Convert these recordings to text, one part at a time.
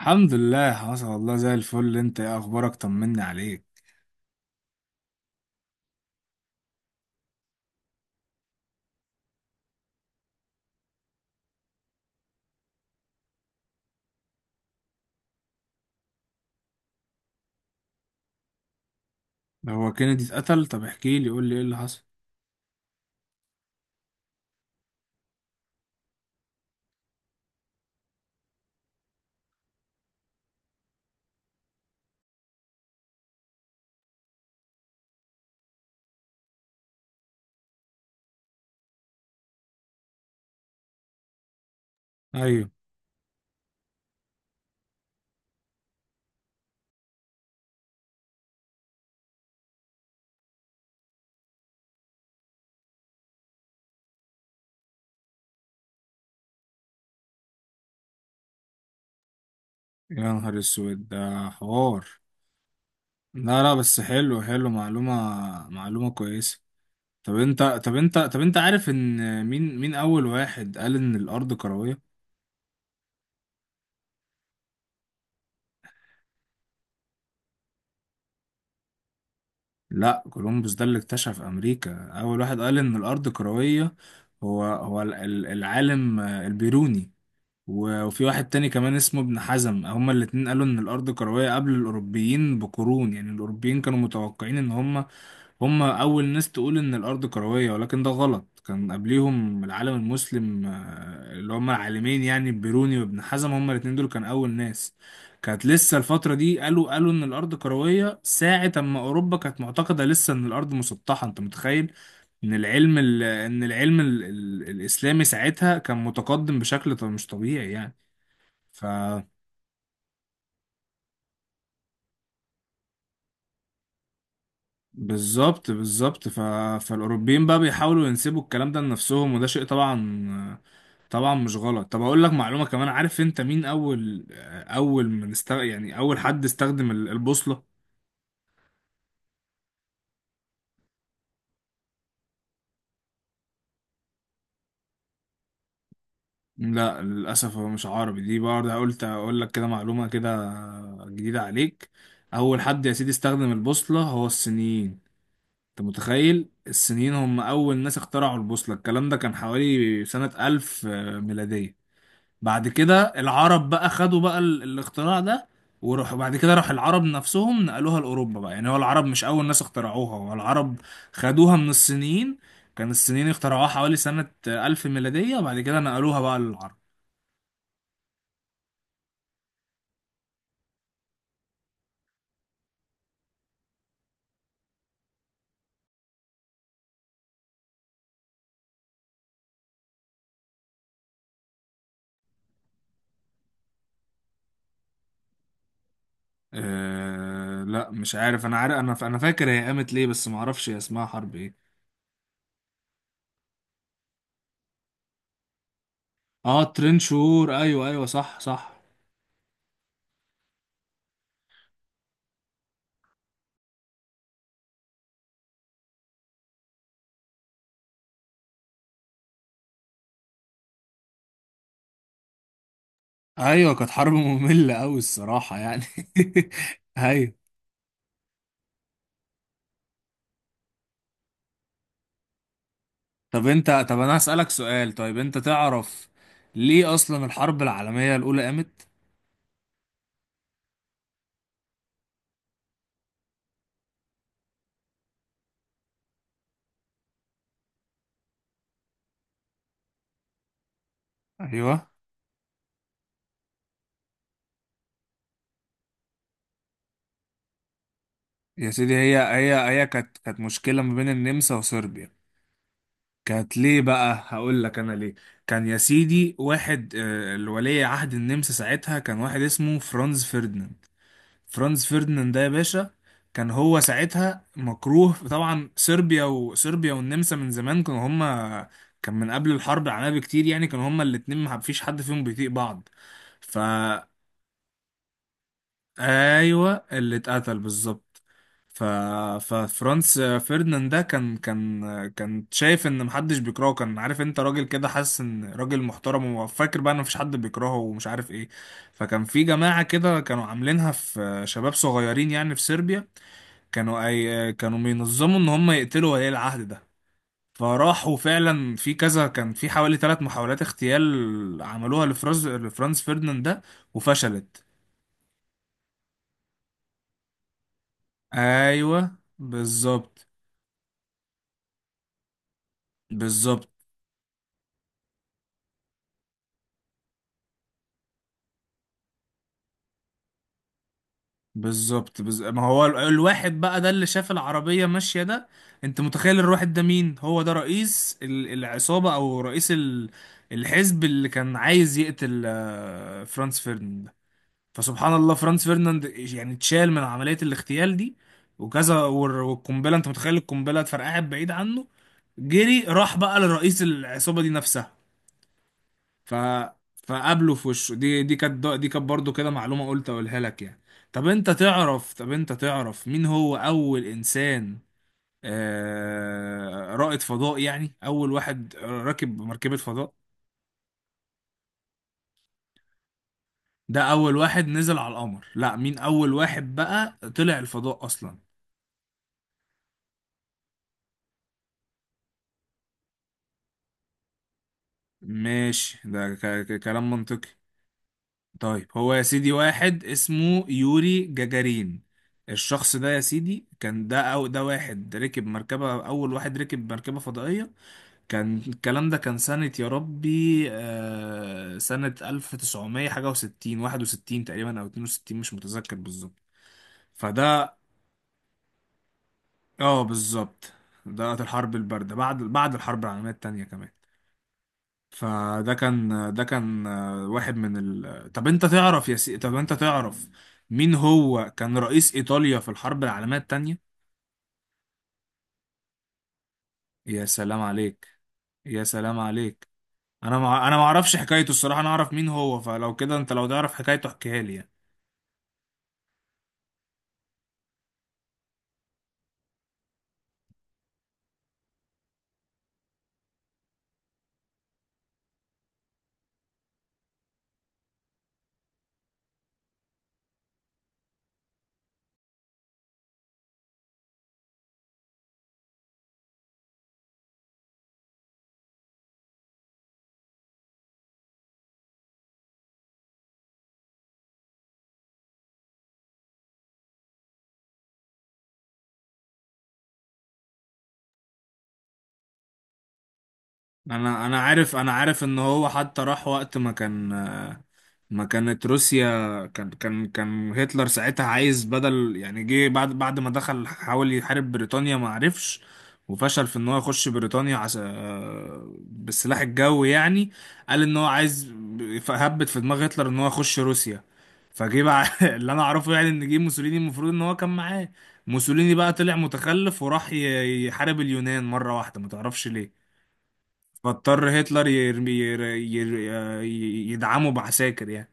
الحمد لله حصل والله، زي الفل. انت ايه اخبارك؟ طمني عليك. ده هو كينيدي اتقتل؟ طب احكي لي، قول لي ايه اللي حصل. ايوه. يا نهار اسود، ده حوار. لا لا، بس حلو حلو، معلومة. معلومة كويسة. طب انت عارف ان مين اول واحد قال ان الارض كروية؟ لا، كولومبوس ده اللي اكتشف امريكا، اول واحد قال ان الارض كروية هو العالم البيروني. وفي واحد تاني كمان اسمه ابن حزم، هما الاتنين قالوا ان الارض كروية قبل الاوروبيين بقرون. يعني الاوروبيين كانوا متوقعين ان هما هم أول ناس تقول إن الأرض كروية، ولكن ده غلط. كان قبليهم العالم المسلم، اللي هم العالمين يعني بيروني وابن حزم، هم الاتنين دول كان أول ناس. كانت لسه الفترة دي، قالوا إن الأرض كروية ساعة أما أوروبا كانت معتقدة لسه إن الأرض مسطحة. أنت متخيل إن الإسلامي ساعتها كان متقدم بشكل مش طبيعي يعني. ف بالظبط بالظبط. فالأوروبيين بقى بيحاولوا ينسبوا الكلام ده لنفسهم، وده شيء طبعا، طبعا مش غلط. طب اقول لك معلومة كمان، عارف انت مين اول، اول من است... يعني اول حد استخدم البوصلة؟ لا، للاسف هو مش عربي. دي برضه قلت اقول لك كده معلومة كده جديدة عليك. اول حد يا سيدي استخدم البوصلة هو الصينيين. انت متخيل؟ الصينيين هم اول ناس اخترعوا البوصلة. الكلام ده كان حوالي سنة 1000 ميلادية. بعد كده العرب بقى خدوا بقى الاختراع ده. وراح بعد كده، راح العرب نفسهم نقلوها لأوروبا بقى. يعني هو العرب مش أول ناس اخترعوها، هو العرب خدوها من الصينيين. كان الصينيين اخترعوها حوالي سنة ألف ميلادية، وبعد كده نقلوها بقى للعرب. أه لا مش عارف. أنا عارف، أنا فاكر هي قامت ليه، بس معرفش هي اسمها حرب إيه. اه، ترين شهور. أيوه أيوه، صح صح. أيوه، كانت حرب مملة أوي الصراحة يعني. أيوه. طب انا هسألك سؤال. طيب انت تعرف ليه اصلا الحرب العالمية الاولى قامت؟ ايوه يا سيدي، هي كانت مشكلة ما بين النمسا وصربيا. كانت ليه بقى؟ هقول لك انا ليه. كان يا سيدي واحد، الولي عهد النمسا ساعتها كان واحد اسمه فرانز فرديناند. فرانز فرديناند ده يا باشا كان هو ساعتها مكروه طبعا صربيا، وصربيا والنمسا من زمان كانوا هما، كان من قبل الحرب العالميه بكتير يعني، كانوا هما الاتنين ما فيش حد فيهم بيطيق بعض. ف ايوه اللي اتقتل بالظبط. ف ففرانس فيرديناند ده كان شايف ان محدش بيكرهه. كان عارف انت راجل كده، حاسس ان راجل محترم وفاكر بقى ان مفيش حد بيكرهه ومش عارف ايه. فكان في جماعة كده كانوا عاملينها، في شباب صغيرين يعني في صربيا، كانوا بينظموا ان هم يقتلوا ولي العهد ده. فراحوا فعلا في كذا، كان في حوالي ثلاث محاولات اغتيال عملوها لفرانز فيرديناند ده، وفشلت. ايوه بالظبط بالظبط. بالظبط، ما هو الواحد بقى ده اللي شاف العربية ماشية ده، انت متخيل الواحد ده مين؟ هو ده رئيس العصابة او رئيس الحزب اللي كان عايز يقتل فرانز فيرديناند. فسبحان الله، فرانس فيرناند يعني اتشال من عملية الاغتيال دي وكذا. والقنبلة، انت متخيل القنبلة اتفرقعت بعيد عنه، جري راح بقى لرئيس العصابة دي نفسها. ف فقابله في وشه. دي كانت برضه كده معلومة قلت اقولها لك يعني. طب انت تعرف مين هو اول انسان، رائد فضاء؟ يعني اول واحد راكب مركبة فضاء. ده اول واحد نزل على القمر. لا، مين اول واحد بقى طلع الفضاء اصلا؟ ماشي، ده كلام منطقي. طيب هو يا سيدي واحد اسمه يوري جاجارين. الشخص ده يا سيدي كان ده أو ده واحد ركب مركبة أول واحد ركب مركبة فضائية. كان الكلام ده كان سنة يا ربي، سنة ألف تسعمية حاجة وستين، واحد وستين تقريبا أو اتنين وستين، مش متذكر بالظبط. فده، اه، بالظبط. ده الحرب الباردة بعد الحرب العالمية التانية كمان. فده كان ده كان آه، واحد من ال... طب انت تعرف، مين هو كان رئيس ايطاليا في الحرب العالميه الثانيه؟ يا سلام عليك، يا سلام عليك. انا ما اعرفش حكايته الصراحه، انا اعرف مين هو. فلو كده، انت لو تعرف حكايته احكيها لي يعني. انا عارف ان هو حتى راح وقت ما كان، ما كانت روسيا، كان هتلر ساعتها عايز بدل يعني، جه بعد ما دخل حاول يحارب بريطانيا ما عرفش، وفشل في ان هو يخش بريطانيا عس... آه، بالسلاح الجوي يعني. قال ان هو عايز، هبت في دماغ هتلر ان هو يخش روسيا. فجه بقى اللي انا اعرفه يعني ان جه موسوليني، المفروض ان هو كان معاه. موسوليني بقى طلع متخلف وراح يحارب اليونان مرة واحدة ما تعرفش ليه. فاضطر هتلر يرمي يدعمه بعساكر يعني.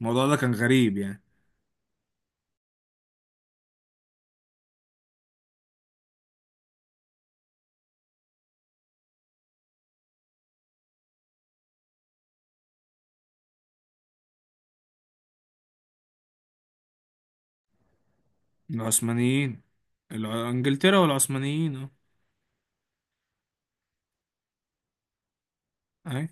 الموضوع ده كان غريب يعني. العثمانيين. انجلترا والعثمانيين اه. اي.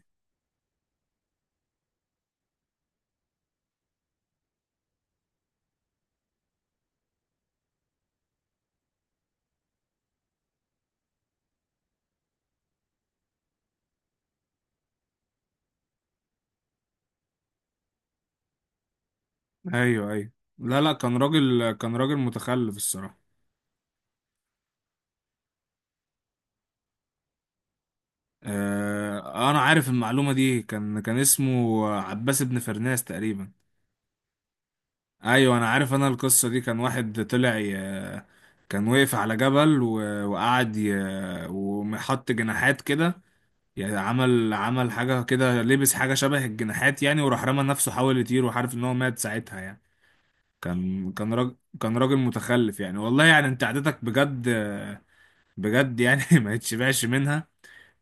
ايوه ايوه، لا لا، كان راجل متخلف الصراحة. آه، انا عارف المعلومة دي. كان اسمه عباس بن فرناس تقريبا. ايوه انا عارف انا القصة دي. كان واحد كان وقف على جبل وقعد وحط جناحات كده. يعني عمل حاجة كده، لبس حاجة شبه الجناحات يعني وراح رمى نفسه حاول يطير، وعارف ان هو مات ساعتها يعني. كان راجل متخلف يعني. والله يعني انت عادتك بجد. بجد يعني ما يتشبعش منها.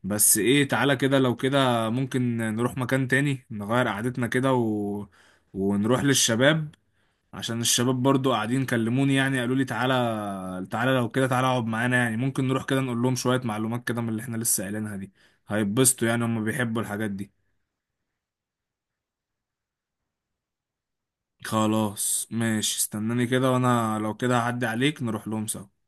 بس ايه، تعالى كده لو كده ممكن نروح مكان تاني، نغير قعدتنا كده ونروح للشباب. عشان الشباب برضو قاعدين كلموني يعني، قالوا لي تعالى تعالى لو كده، تعالى اقعد معانا يعني. ممكن نروح كده نقول لهم شوية معلومات كده من اللي احنا لسه قايلينها دي. هيتبسطوا يعني، هم بيحبوا الحاجات دي. خلاص ماشي، استناني كده وانا لو كده هعدي عليك نروح لهم سوا.